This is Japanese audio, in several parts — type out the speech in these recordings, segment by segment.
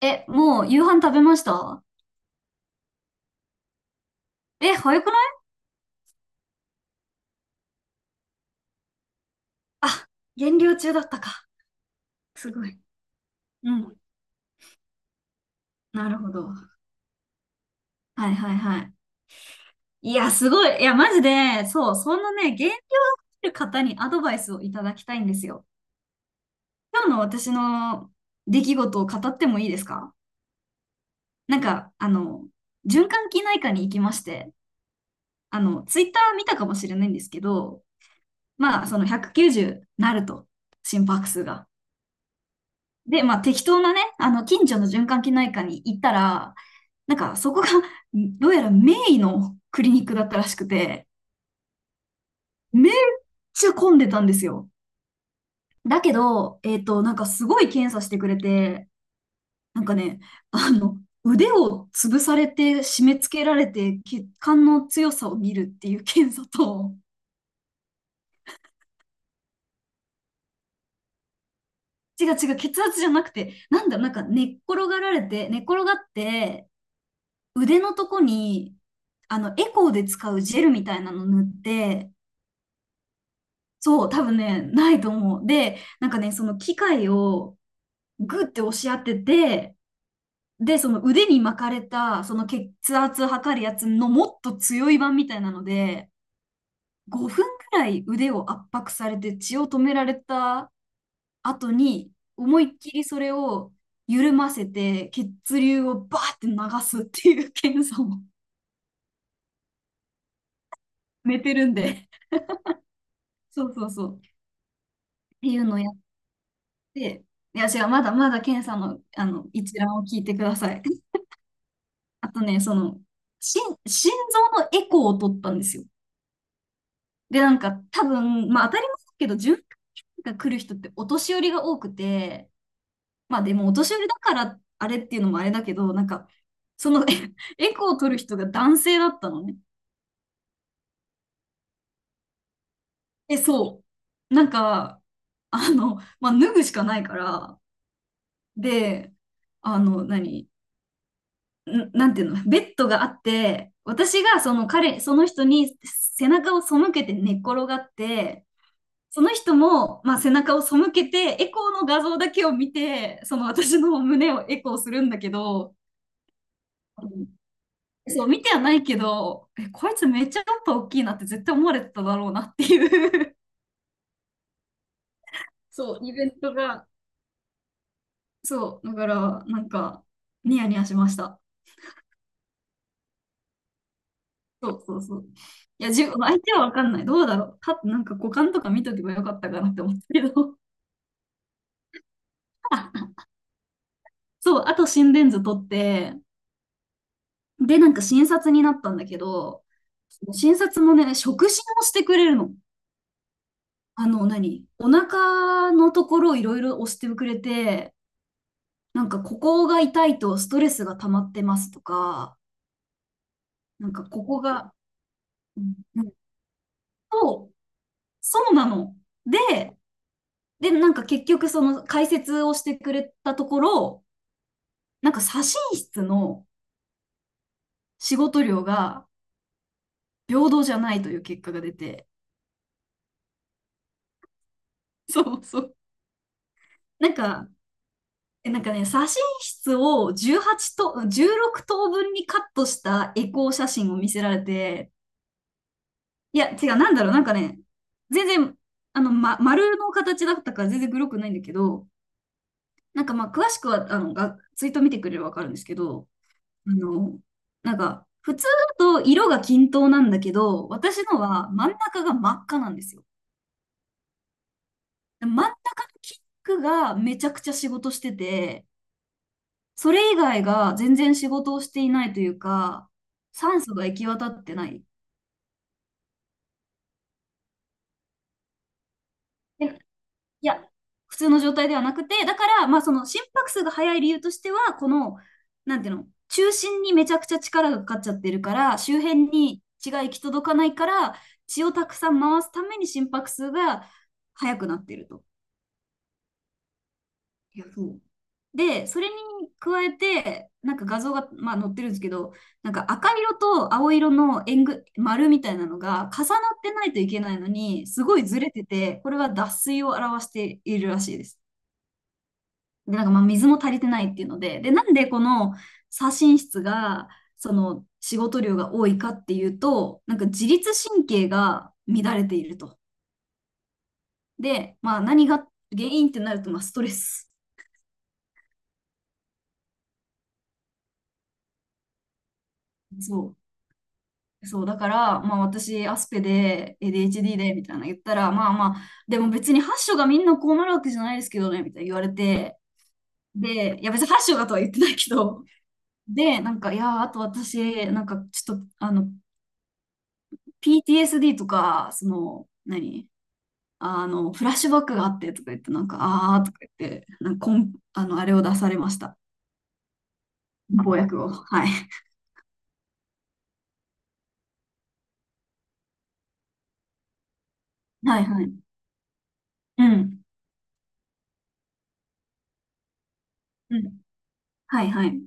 え、もう夕飯食べました？え、早くない？減量中だったか。すごい。うん。なるほど。はいはいはい。いや、すごい。いや、マジで、そう、そんなね、減量してる方にアドバイスをいただきたいんですよ。今日の私の出来事を語ってもいいですか？なんか、あの、循環器内科に行きまして、あの、ツイッター見たかもしれないんですけど、まあ、その190なると、心拍数が。で、まあ、適当なね、あの、近所の循環器内科に行ったら、なんかそこが、どうやらメインのクリニックだったらしくて、めっちゃ混んでたんですよ。だけど、なんかすごい検査してくれて、なんかね、あの、腕を潰されて締め付けられて血管の強さを見るっていう検査と、違う違う、血圧じゃなくて、なんだろう、なんか寝っ転がって、腕のとこに、あの、エコーで使うジェルみたいなの塗って、そう、多分ね、ないと思う。で、なんかね、その機械をグッて押し当てて、で、その腕に巻かれた、その血圧測るやつのもっと強い版みたいなので、5分くらい腕を圧迫されて血を止められた後に、思いっきりそれを緩ませて、血流をバーって流すっていう 検査を 寝てるんで。そうそうそう。っていうのをやって、いや、違う、まだまだ検査の、あの一覧を聞いてください。あとね、その、心臓のエコーを取ったんですよ。で、なんか多分、まあ当たり前だけど、循環が来る人ってお年寄りが多くて、まあでもお年寄りだからあれっていうのもあれだけど、なんか、その エコーを取る人が男性だったのね。え、そう。なんか、あの、まあ脱ぐしかないから、で、あの、なんていうの、ベッドがあって、私がその彼、その人に背中を背けて寝っ転がって、その人も、まあ、背中を背けて、エコーの画像だけを見て、その私の胸をエコーするんだけど、うん、そう、見てはないけど、え、こいつめっちゃおっぱい大きいなって絶対思われてただろうなっていう そう、イベントが、そう、だから、なんか、ニヤニヤしました。そうそうそう。いや、自分、相手はわかんない。どうだろう。なんか股間とか見とけばよかったかなって思ったけど。あ、そう、あと心電図取って、で、なんか診察になったんだけど、その診察もね、触診をしてくれるの。あの、お腹のところをいろいろ押してくれて、なんかここが痛いとストレスが溜まってますとか、なんかここが、うんうん、そう、そうなの。で、で、なんか結局その解説をしてくれたところ、なんか左心室の仕事量が平等じゃないという結果が出て、そうそう。なんか、なんかね、写真室を18と、16等分にカットしたエコー写真を見せられて、いや、違う、なんだろう、なんかね、全然、あの、ま、丸の形だったから全然グロくないんだけど、なんかまあ、詳しくは、あの、ツイート見てくれればわかるんですけど、あの、なんか、普通だと色が均等なんだけど、私のは真ん中が真っ赤なんですよ。真ん中のピンクがめちゃくちゃ仕事してて、それ以外が全然仕事をしていないというか、酸素が行き渡ってない。え、いや、普通の状態ではなくて、だから、まあその心拍数が速い理由としては、この、なんていうの、中心にめちゃくちゃ力がかかっちゃってるから、周辺に血が行き届かないから、血をたくさん回すために心拍数が速くなってると。いや、そう。で、それに加えて、なんか画像が、まあ、載ってるんですけど、なんか赤色と青色の丸みたいなのが重なってないといけないのに、すごいずれてて、これは脱水を表しているらしいです。で、なんかまあ水も足りてないっていうので、で、なんでこの左心室が、その仕事量が多いかっていうと、なんか自律神経が乱れていると。で、まあ何が原因ってなると、まあストレス。そう。そう、だから、まあ私、アスペで ADHD で、みたいなの言ったら、まあまあ、でも別に8章がみんなこうなるわけじゃないですけどね、みたいな言われて、で、いや別に8章がとは言ってないけど、で、なんか、いや、あと私、なんかちょっと、あの、PTSD とか、その、あの、フラッシュバックがあってとか言って、なんか、あーとか言って、なんかこん、あの、あれを出されました。公約を。はい。はいはい。うん。うん。はいはい。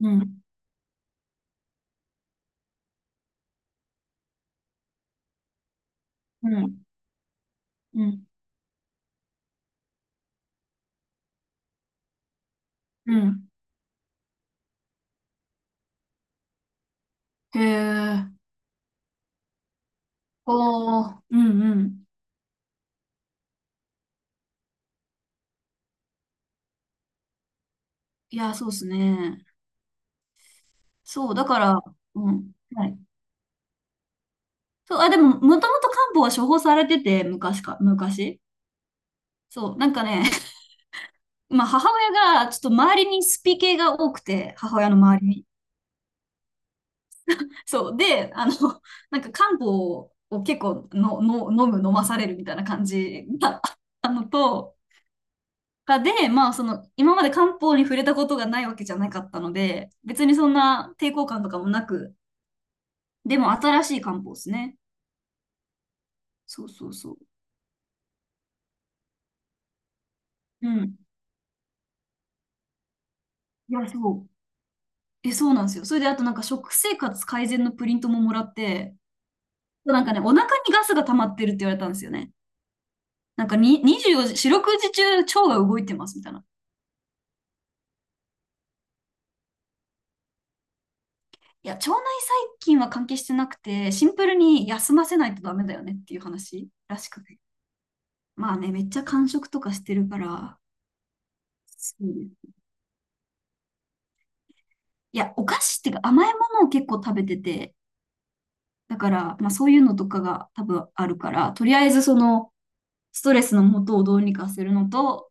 うん。うん。うん。うん。へえ。おー、うんうん。いや、そうですね。そう、だから、うん。はい。そう、あ、でも、もともと漢方は処方されてて、昔。そう、なんかね、まあ、母親が、ちょっと周りにスピ系が多くて、母親の周りに。そう、で、あの、なんか漢方を結構の、の、飲む、飲まされるみたいな感じが あったのと、まあ、その、今まで漢方に触れたことがないわけじゃなかったので、別にそんな抵抗感とかもなく、でも新しい漢方ですね。そうそうそう。うん。いや、そう。え、そうなんですよ。それで、あとなんか食生活改善のプリントももらって、なんかね、お腹にガスが溜まってるって言われたんですよね。なんかに24時、四六時中腸が動いてますみたいな。いや、腸内細菌は関係してなくて、シンプルに休ませないとダメだよねっていう話らしくて。まあね、めっちゃ間食とかしてるから、そうね、いや、お菓子っていうか甘いものを結構食べてて、だから、まあそういうのとかが多分あるから、とりあえずその、ストレスの元をどうにかするのと、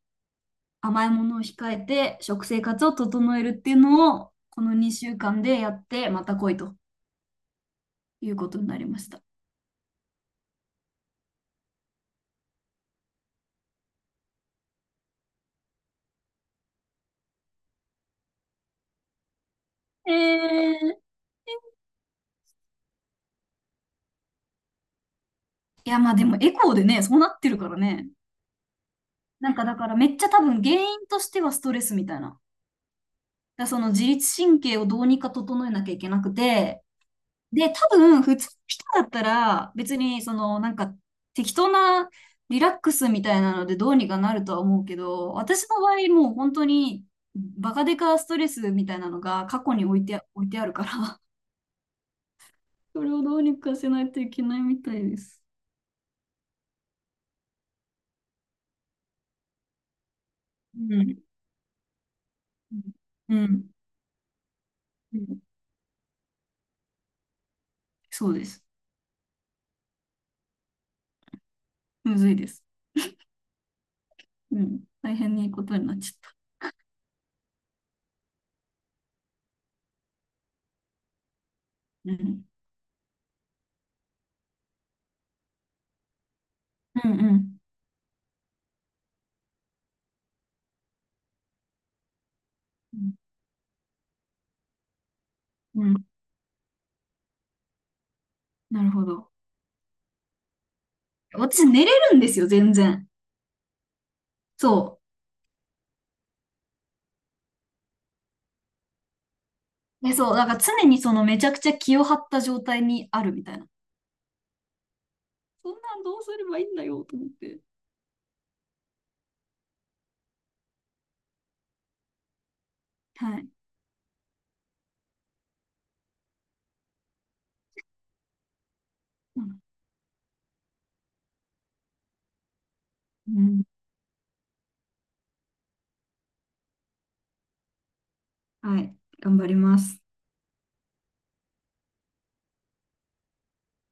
甘いものを控えて食生活を整えるっていうのを、この2週間でやって、また来いということになりました。えー、いや、まあでもエコーでね、そうなってるからね。なんかだからめっちゃ多分原因としてはストレスみたいな。だからその自律神経をどうにか整えなきゃいけなくて、で、多分、普通の人だったら、別に、その、なんか、適当なリラックスみたいなので、どうにかなるとは思うけど、私の場合、もう本当に、バカデカストレスみたいなのが過去に置いてあるから、それをどうにかせないといけないみたいです。うん。うん。うん。そうです。むずいです。うん。大変にいいことになっちゃった。うん。うんうん。うん。うん、なるほど。私、寝れるんですよ、全然。そう。え、そう、だから常にそのめちゃくちゃ気を張った状態にあるみたいな。そんなんどうすればいいんだよと思って。はい。うん。うん。はい。頑張ります。